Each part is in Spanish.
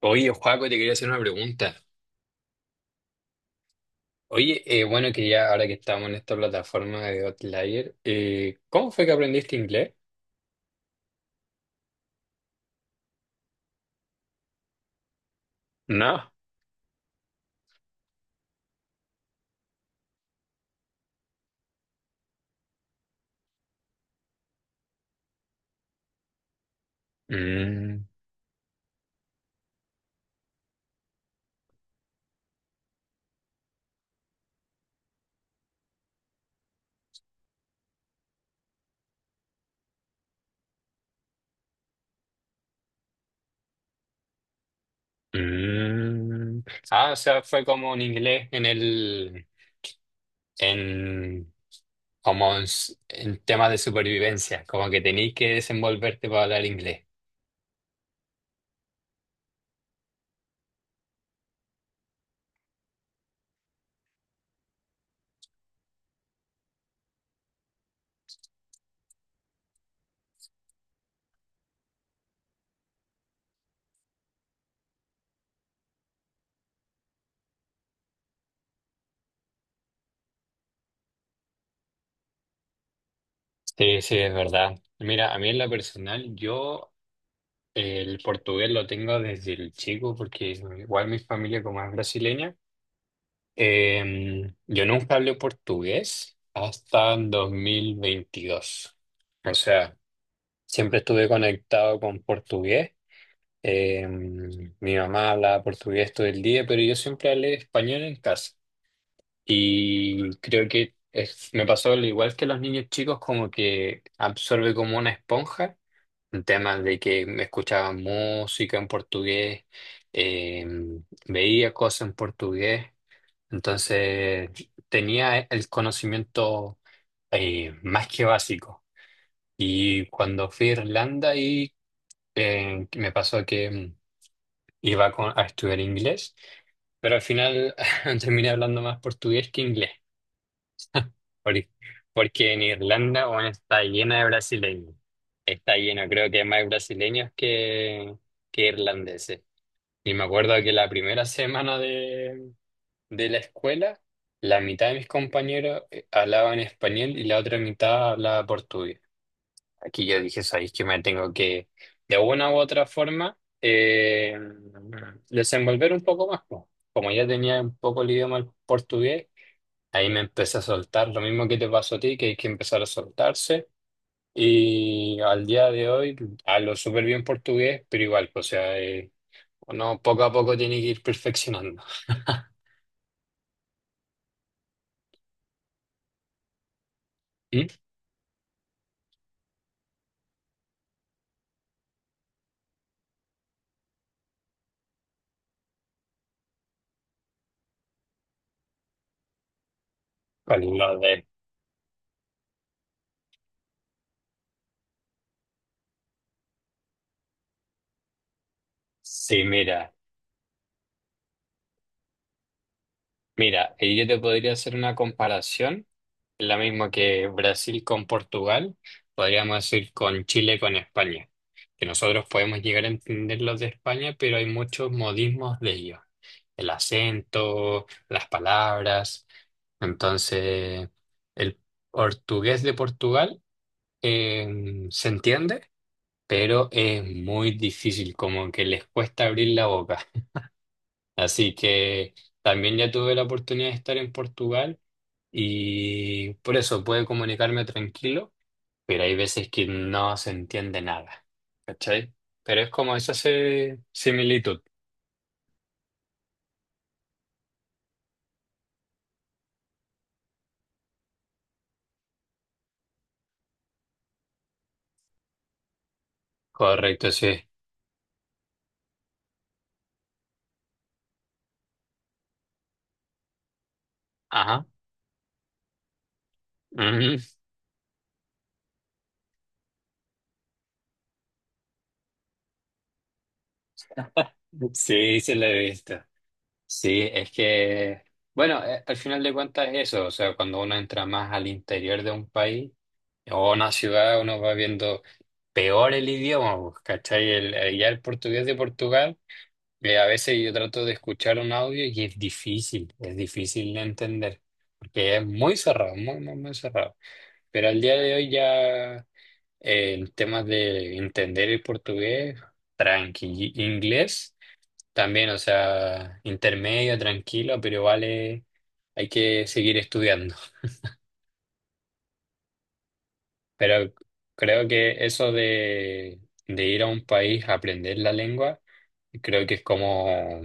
Oye, Joaco, te quería hacer una pregunta. Oye, bueno, que ya ahora que estamos en esta plataforma de Outlier, ¿cómo fue que aprendiste inglés? No. Mm, mm. Ah, o sea, fue como un inglés en el, en, como en, s- en temas de supervivencia, como que tenéis que desenvolverte para hablar inglés. Sí, sí, es verdad. Mira, a mí en la personal, yo el portugués lo tengo desde el chico, porque igual mi familia como es brasileña. Yo nunca hablé portugués hasta 2022. O sea, siempre estuve conectado con portugués. Mi mamá hablaba portugués todo el día, pero yo siempre hablé español en casa. Y creo que es- me pasó al igual que los niños chicos, como que absorbe como una esponja. En temas de que me escuchaba música en portugués, veía cosas en portugués. Entonces tenía el conocimiento más que básico. Y cuando fui a Irlanda y me pasó que iba con- a estudiar inglés, pero al final terminé hablando más portugués que inglés, porque porque en Irlanda bueno, está llena de brasileños. Está lleno, creo que hay más brasileños que irlandeses. Y me acuerdo que la primera semana de la escuela, la mitad de mis compañeros hablaban español y la otra mitad hablaba portugués. Aquí yo dije, sabéis que me tengo que, de una u otra forma, desenvolver un poco más. Po". Como ya tenía un poco el idioma el portugués, ahí me empecé a soltar, lo mismo que te pasó a ti, que hay que empezar a soltarse. Y al día de hoy hablo súper bien portugués, pero igual, o sea, uno poco a poco tiene que ir perfeccionando. ¿Mm? Con lo de... Sí, mira. Mira, ahí yo te podría hacer una comparación, la misma que Brasil con Portugal, podríamos decir con Chile con España, que nosotros podemos llegar a entender los de España, pero hay muchos modismos de ellos, el acento, las palabras, entonces el portugués de Portugal se entiende, pero es muy difícil, como que les cuesta abrir la boca. Así que también ya tuve la oportunidad de estar en Portugal y por eso puedo comunicarme tranquilo, pero hay veces que no se entiende nada, ¿cachai? Pero es como esa se- similitud. Correcto, sí. Ajá. Ujú. Sí, se la he visto. Sí, es que, bueno, al final de cuentas es eso, o sea, cuando uno entra más al interior de un país o una ciudad uno va viendo peor el idioma, pues, ¿cachai? El- ya el portugués de Portugal, a veces yo trato de escuchar un audio y es difícil de entender, porque es muy cerrado, muy, muy, muy cerrado. Pero al día de hoy ya en temas de entender el portugués, tranqui, inglés también, o sea, intermedio, tranquilo, pero vale, hay que seguir estudiando. Pero creo que eso de ir a un país a aprender la lengua, creo que es como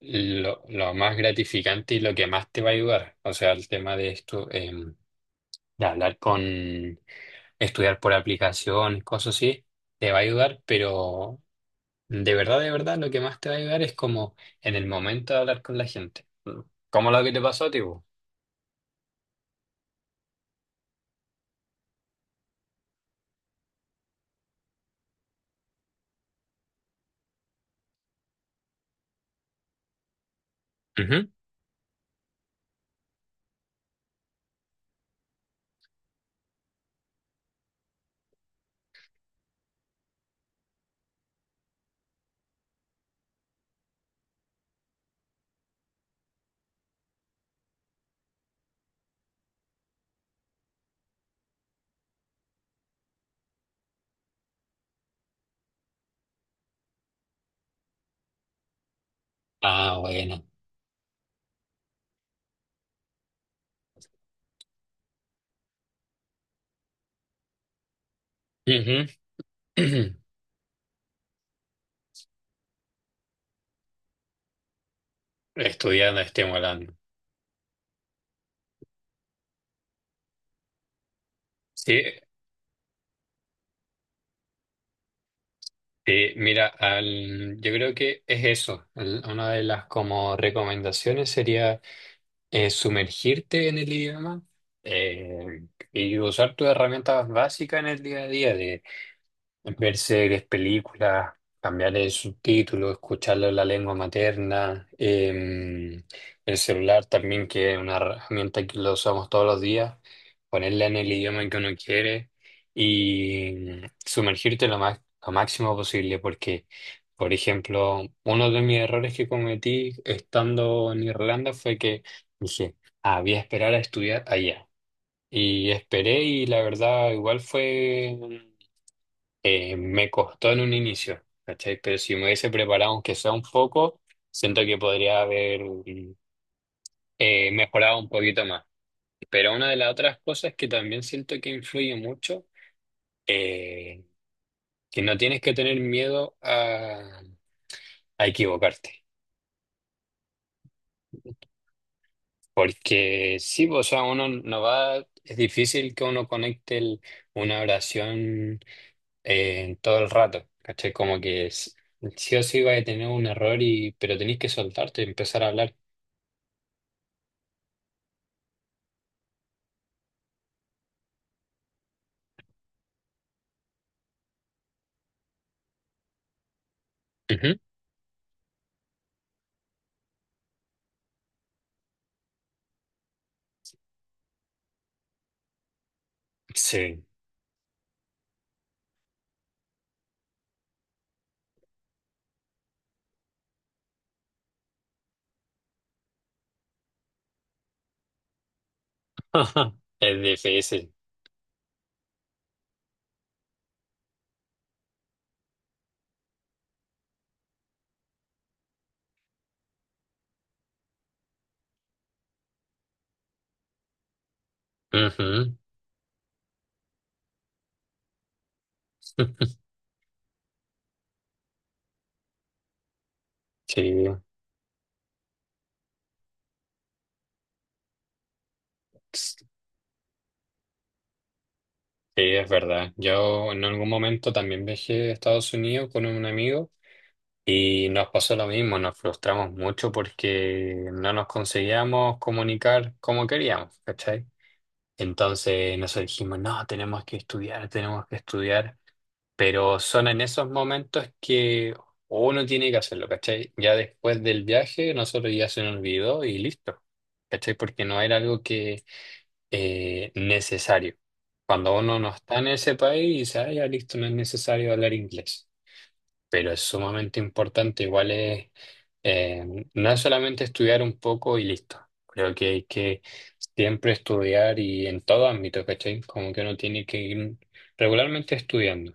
lo más gratificante y lo que más te va a ayudar. O sea, el tema de esto, de hablar con, estudiar por aplicación cosas así, te va a ayudar, pero de verdad, lo que más te va a ayudar es como en el momento de hablar con la gente. Como lo que te pasó, tipo. Ah, bueno. Ujú. Estudiando, estimulando. Sí, sí, mira, al- yo creo que es eso. El- una de las como recomendaciones sería sumergirte en el idioma eh, y usar tus herramientas básicas en el día a día ver series, películas, cambiar el subtítulo, escucharlo en la lengua materna, el celular también, que es una herramienta que lo usamos todos los días, ponerla en el idioma que uno quiere y sumergirte lo más, lo máximo posible, porque, por ejemplo, uno de mis errores que cometí estando en Irlanda fue que dije, ah, voy a esperar a estudiar allá. Y esperé y la verdad igual fue me costó en un inicio, ¿cachai? Pero si me hubiese preparado, aunque sea un poco, siento que podría haber mejorado un poquito más. Pero una de las otras cosas que también siento que influye mucho, eh, que no tienes que tener miedo a equivocarte. Porque sí, pues, o sea, uno no va, es difícil que uno conecte el- una oración todo el rato, ¿cachai? Como que es, sí o sí va a tener un error y pero tenéis que soltarte y empezar a hablar. Ujú. Sí. Es difícil. Ujú. Sí, sí, es verdad. Yo en algún momento también viajé a Estados Unidos con un amigo y nos pasó lo mismo, nos frustramos mucho porque no nos conseguíamos comunicar como queríamos, ¿cachai? Entonces nosotros dijimos, no, tenemos que estudiar, tenemos que estudiar. Pero son en esos momentos que uno tiene que hacerlo, ¿cachai? Ya después del viaje, nosotros ya se nos olvidó y listo, ¿cachai? Porque no era algo que necesario. Cuando uno no está en ese país, dice, ah, ya listo, no es necesario hablar inglés. Pero es sumamente importante, igual es, eh, no es solamente estudiar un poco y listo. Creo que hay que siempre estudiar y en todo ámbito, ¿cachai? Como que uno tiene que ir regularmente estudiando.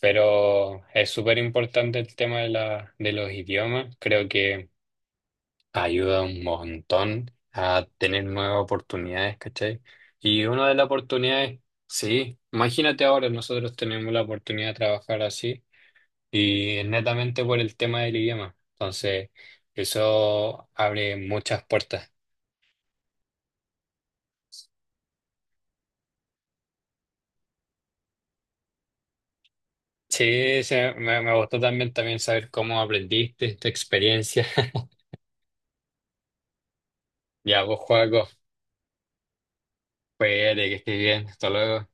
Pero es súper importante el tema de la, de los idiomas. Creo que ayuda un montón a tener nuevas oportunidades, ¿cachai? Y una de las oportunidades, sí, imagínate ahora, nosotros tenemos la oportunidad de trabajar así y es netamente por el tema del idioma. Entonces, eso abre muchas puertas. Sí, sí, me gustó también, también saber cómo aprendiste esta experiencia. Ya vos, Joaco, pues que estés bien. Hasta luego.